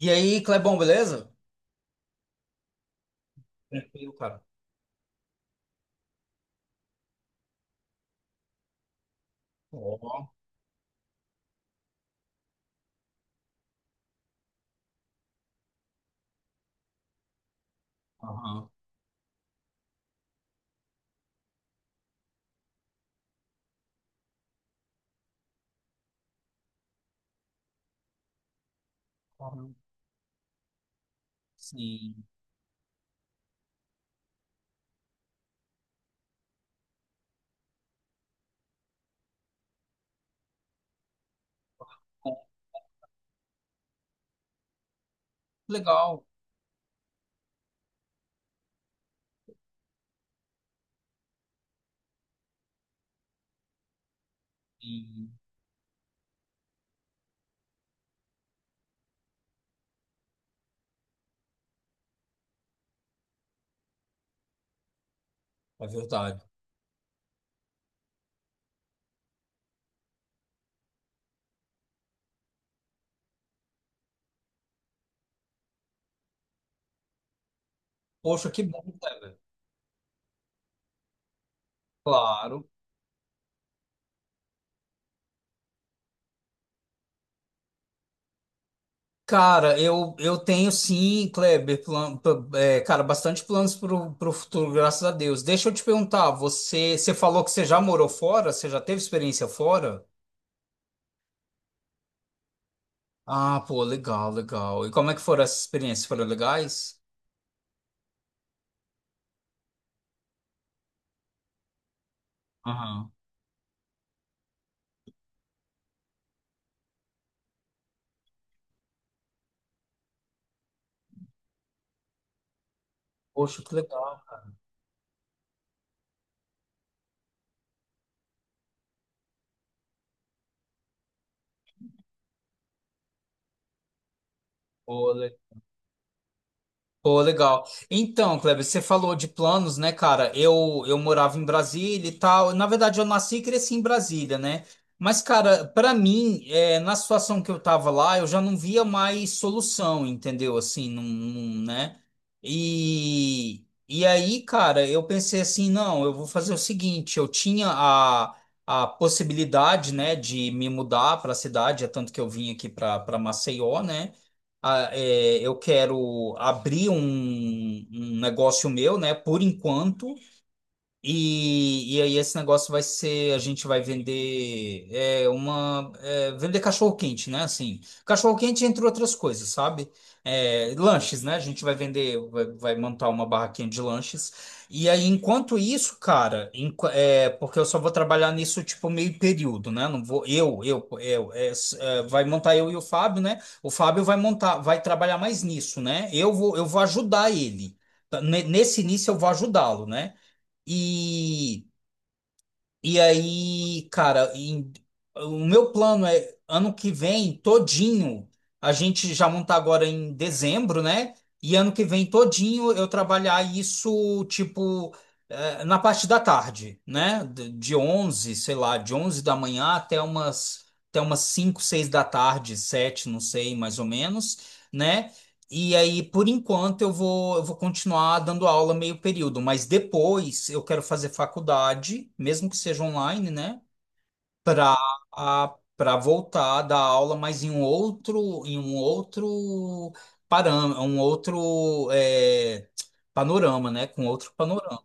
E aí, Clebão, beleza? Tranquilo, cara. Ó, aham, aham, sim. Bom, Legal, sim. É verdade. Poxa, que bom, Kleber. Claro. Cara, eu tenho sim, Kleber, é, cara, bastante planos pro futuro, graças a Deus. Deixa eu te perguntar, você falou que você já morou fora? Você já teve experiência fora? Ah, pô, legal, legal. E como é que foram essas experiências? Foram legais? Aham. Poxa, que legal. Pô, legal. Então, Kleber, você falou de planos, né, cara? Eu morava em Brasília e tal. Na verdade, eu nasci e cresci em Brasília, né? Mas, cara, pra mim, é, na situação que eu tava lá, eu já não via mais solução, entendeu? Assim, não, não- né? E aí, cara, eu pensei assim, não, eu vou fazer o seguinte, eu tinha a possibilidade, né, de me mudar pra cidade, é tanto que eu vim aqui pra para Maceió, né? É, eu quero abrir um negócio meu, né? Por enquanto, e aí esse negócio vai ser, a gente vai vender é, uma é, vender cachorro-quente, né? Assim, cachorro-quente entre outras coisas, sabe? É, lanches, né? A gente vai vender, vai montar uma barraquinha de lanches. E aí, enquanto isso, cara, é, porque eu só vou trabalhar nisso tipo meio período, né? Não vou eu, é, é, vai montar eu e o Fábio, né? O Fábio vai montar, vai trabalhar mais nisso, né? Eu vou ajudar ele. Tá, nesse início eu vou ajudá-lo, né? E, e aí, cara, o meu plano é ano que vem todinho. A gente já montar agora em dezembro, né? E ano que vem todinho eu trabalhar isso, tipo, na parte da tarde, né? De 11, sei lá, de 11 da manhã até umas, 5 6 da tarde, 7 não sei, mais ou menos, né? E aí, por enquanto, eu vou continuar dando aula meio período, mas depois eu quero fazer faculdade, mesmo que seja online, né? Para para voltar a dar aula, mas em um outro param, um outro é, panorama, né? Com outro panorama.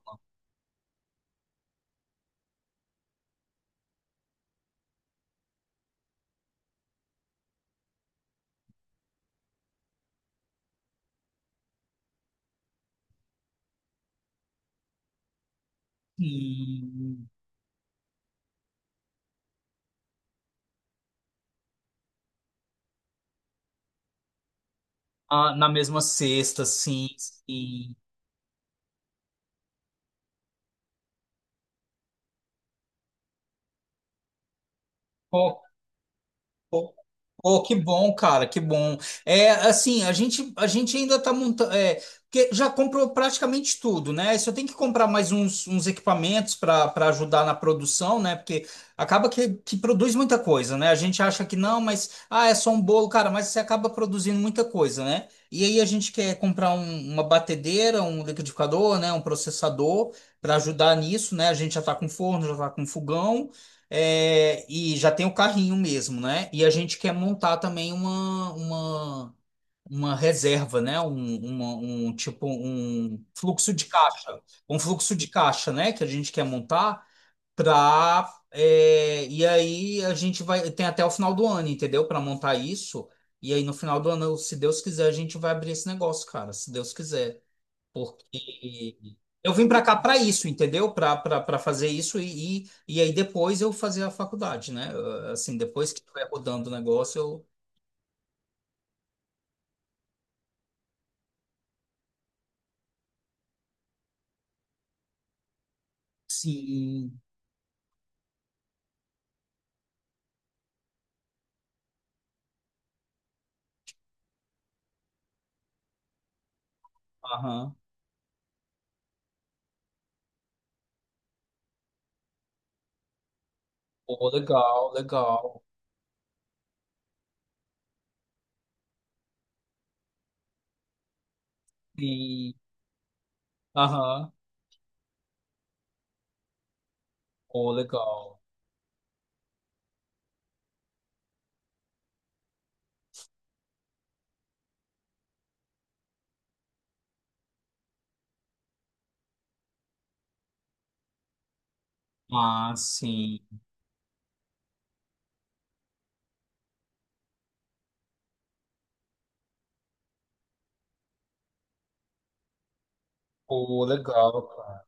Sim. Ah, na mesma sexta, sim, sim. Pô, Oh, que bom, cara, que bom. É, assim, a gente ainda tá montando, é, porque já comprou praticamente tudo, né? Só tem que comprar mais uns equipamentos para ajudar na produção, né? Porque acaba que produz muita coisa, né? A gente acha que não, mas, ah, é só um bolo, cara, mas você acaba produzindo muita coisa, né? E aí a gente quer comprar uma batedeira, um liquidificador, né? Um processador para ajudar nisso, né? A gente já tá com forno, já tá com fogão. É, e já tem o carrinho mesmo, né? E a gente quer montar também uma reserva, né? Um tipo um fluxo de caixa, né? Que a gente quer montar para e aí a gente vai tem até o final do ano, entendeu? Para montar isso. E aí no final do ano, se Deus quiser, a gente vai abrir esse negócio, cara. Se Deus quiser. Porque eu vim para cá para isso, entendeu? Para fazer isso e, e aí depois eu fazer a faculdade, né? Assim, depois que estiver rodando o negócio, eu. Sim, aham. Pô, legal, legal. Sim, aham. Pô, legal. Ah, sim. Pô, legal, cara.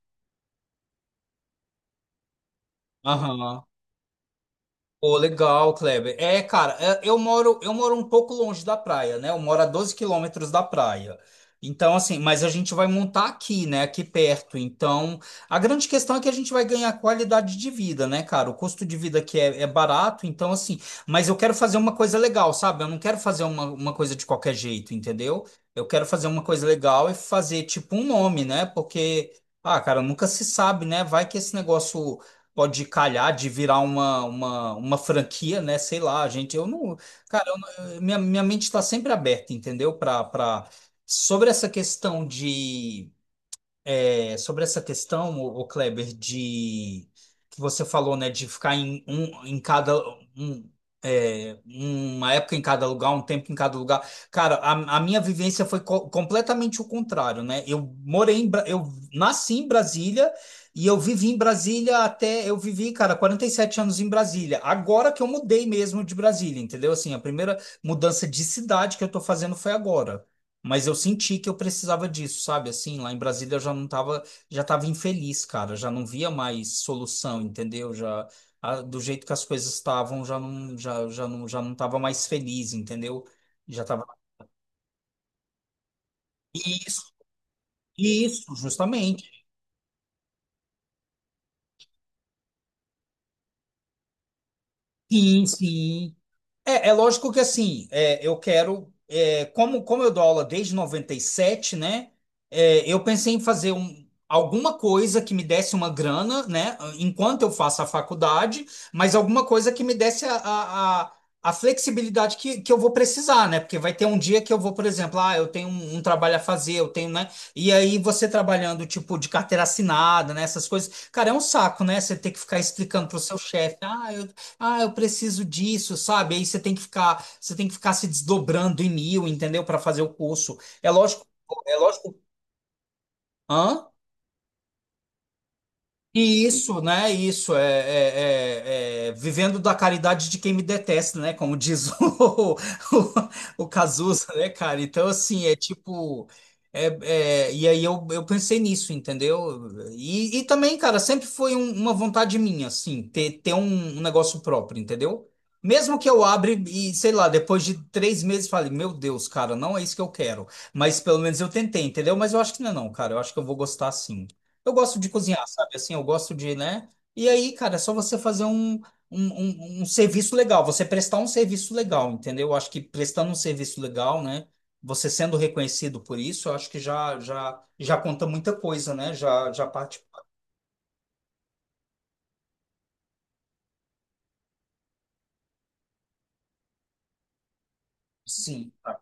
Aham. Pô, legal, Kleber. É, cara, é, eu moro um pouco longe da praia, né? Eu moro a 12 quilômetros da praia. Então, assim, mas a gente vai montar aqui, né? Aqui perto. Então, a grande questão é que a gente vai ganhar qualidade de vida, né, cara? O custo de vida aqui é barato, então, assim, mas eu quero fazer uma coisa legal, sabe? Eu não quero fazer uma coisa de qualquer jeito, entendeu? Eu quero fazer uma coisa legal e fazer, tipo, um nome, né? Porque, ah, cara, nunca se sabe, né? Vai que esse negócio pode calhar de virar uma franquia, né? Sei lá, gente. Eu não. Cara, eu não- minha mente está sempre aberta, entendeu? Para. Sobre essa questão de Sobre essa questão, o, Kleber, de que você falou, né, de ficar em um em cada um, é, uma época em cada lugar, um tempo em cada lugar. Cara, a minha vivência foi completamente o contrário, né? Eu nasci em Brasília e eu vivi em Brasília até eu vivi, cara, 47 anos em Brasília. Agora que eu mudei mesmo de Brasília, entendeu? Assim, a primeira mudança de cidade que eu tô fazendo foi agora. Mas eu senti que eu precisava disso, sabe? Assim, lá em Brasília eu já não tava, já tava infeliz, cara, já não via mais solução, entendeu? Já do jeito que as coisas estavam, já não tava mais feliz, entendeu? Já tava. isso, isso, justamente. Sim, sim. É lógico que assim, é, eu quero, é, como eu dou aula desde 97, né? É, eu pensei em fazer alguma coisa que me desse uma grana, né? Enquanto eu faço a faculdade, mas alguma coisa que me desse a flexibilidade que eu vou precisar, né? Porque vai ter um dia que eu vou, por exemplo, ah, eu tenho um trabalho a fazer, eu tenho, né? E aí você trabalhando, tipo, de carteira assinada, né? Essas coisas. Cara, é um saco, né? Você ter que ficar explicando pro seu chefe, ah, eu preciso disso, sabe? Aí você tem que ficar se desdobrando em mil, entendeu? Para fazer o curso. É lógico, é lógico. Hã? E isso, né? Isso é, é vivendo da caridade de quem me detesta, né? Como diz o, o Cazuza, né, cara? Então, assim, é tipo. é- e aí eu pensei nisso, entendeu? E também, cara, sempre foi uma vontade minha, assim, ter um negócio próprio, entendeu? Mesmo que eu abra e, sei lá, depois de 3 meses fale, meu Deus, cara, não é isso que eu quero. Mas pelo menos eu tentei, entendeu? Mas eu acho que não é não, cara. Eu acho que eu vou gostar sim. Eu gosto de cozinhar, sabe? Assim, eu gosto de, né? E aí, cara, é só você fazer um serviço legal, você prestar um serviço legal, entendeu? Eu acho que prestando um serviço legal, né? Você sendo reconhecido por isso, eu acho que já conta muita coisa, né? Já parte. Sim, tá.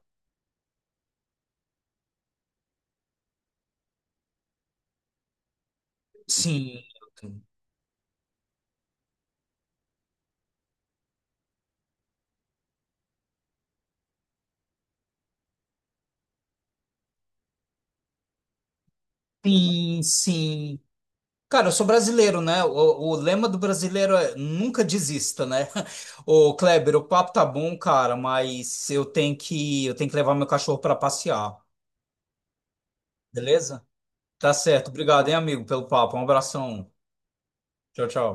Sim, sim, sim. Cara, eu sou brasileiro, né? O lema do brasileiro é nunca desista, né? Ô, Kleber, o papo tá bom, cara, mas eu tenho que levar meu cachorro para passear. Beleza? Tá certo. Obrigado, hein, amigo, pelo papo. Um abração. Tchau, tchau.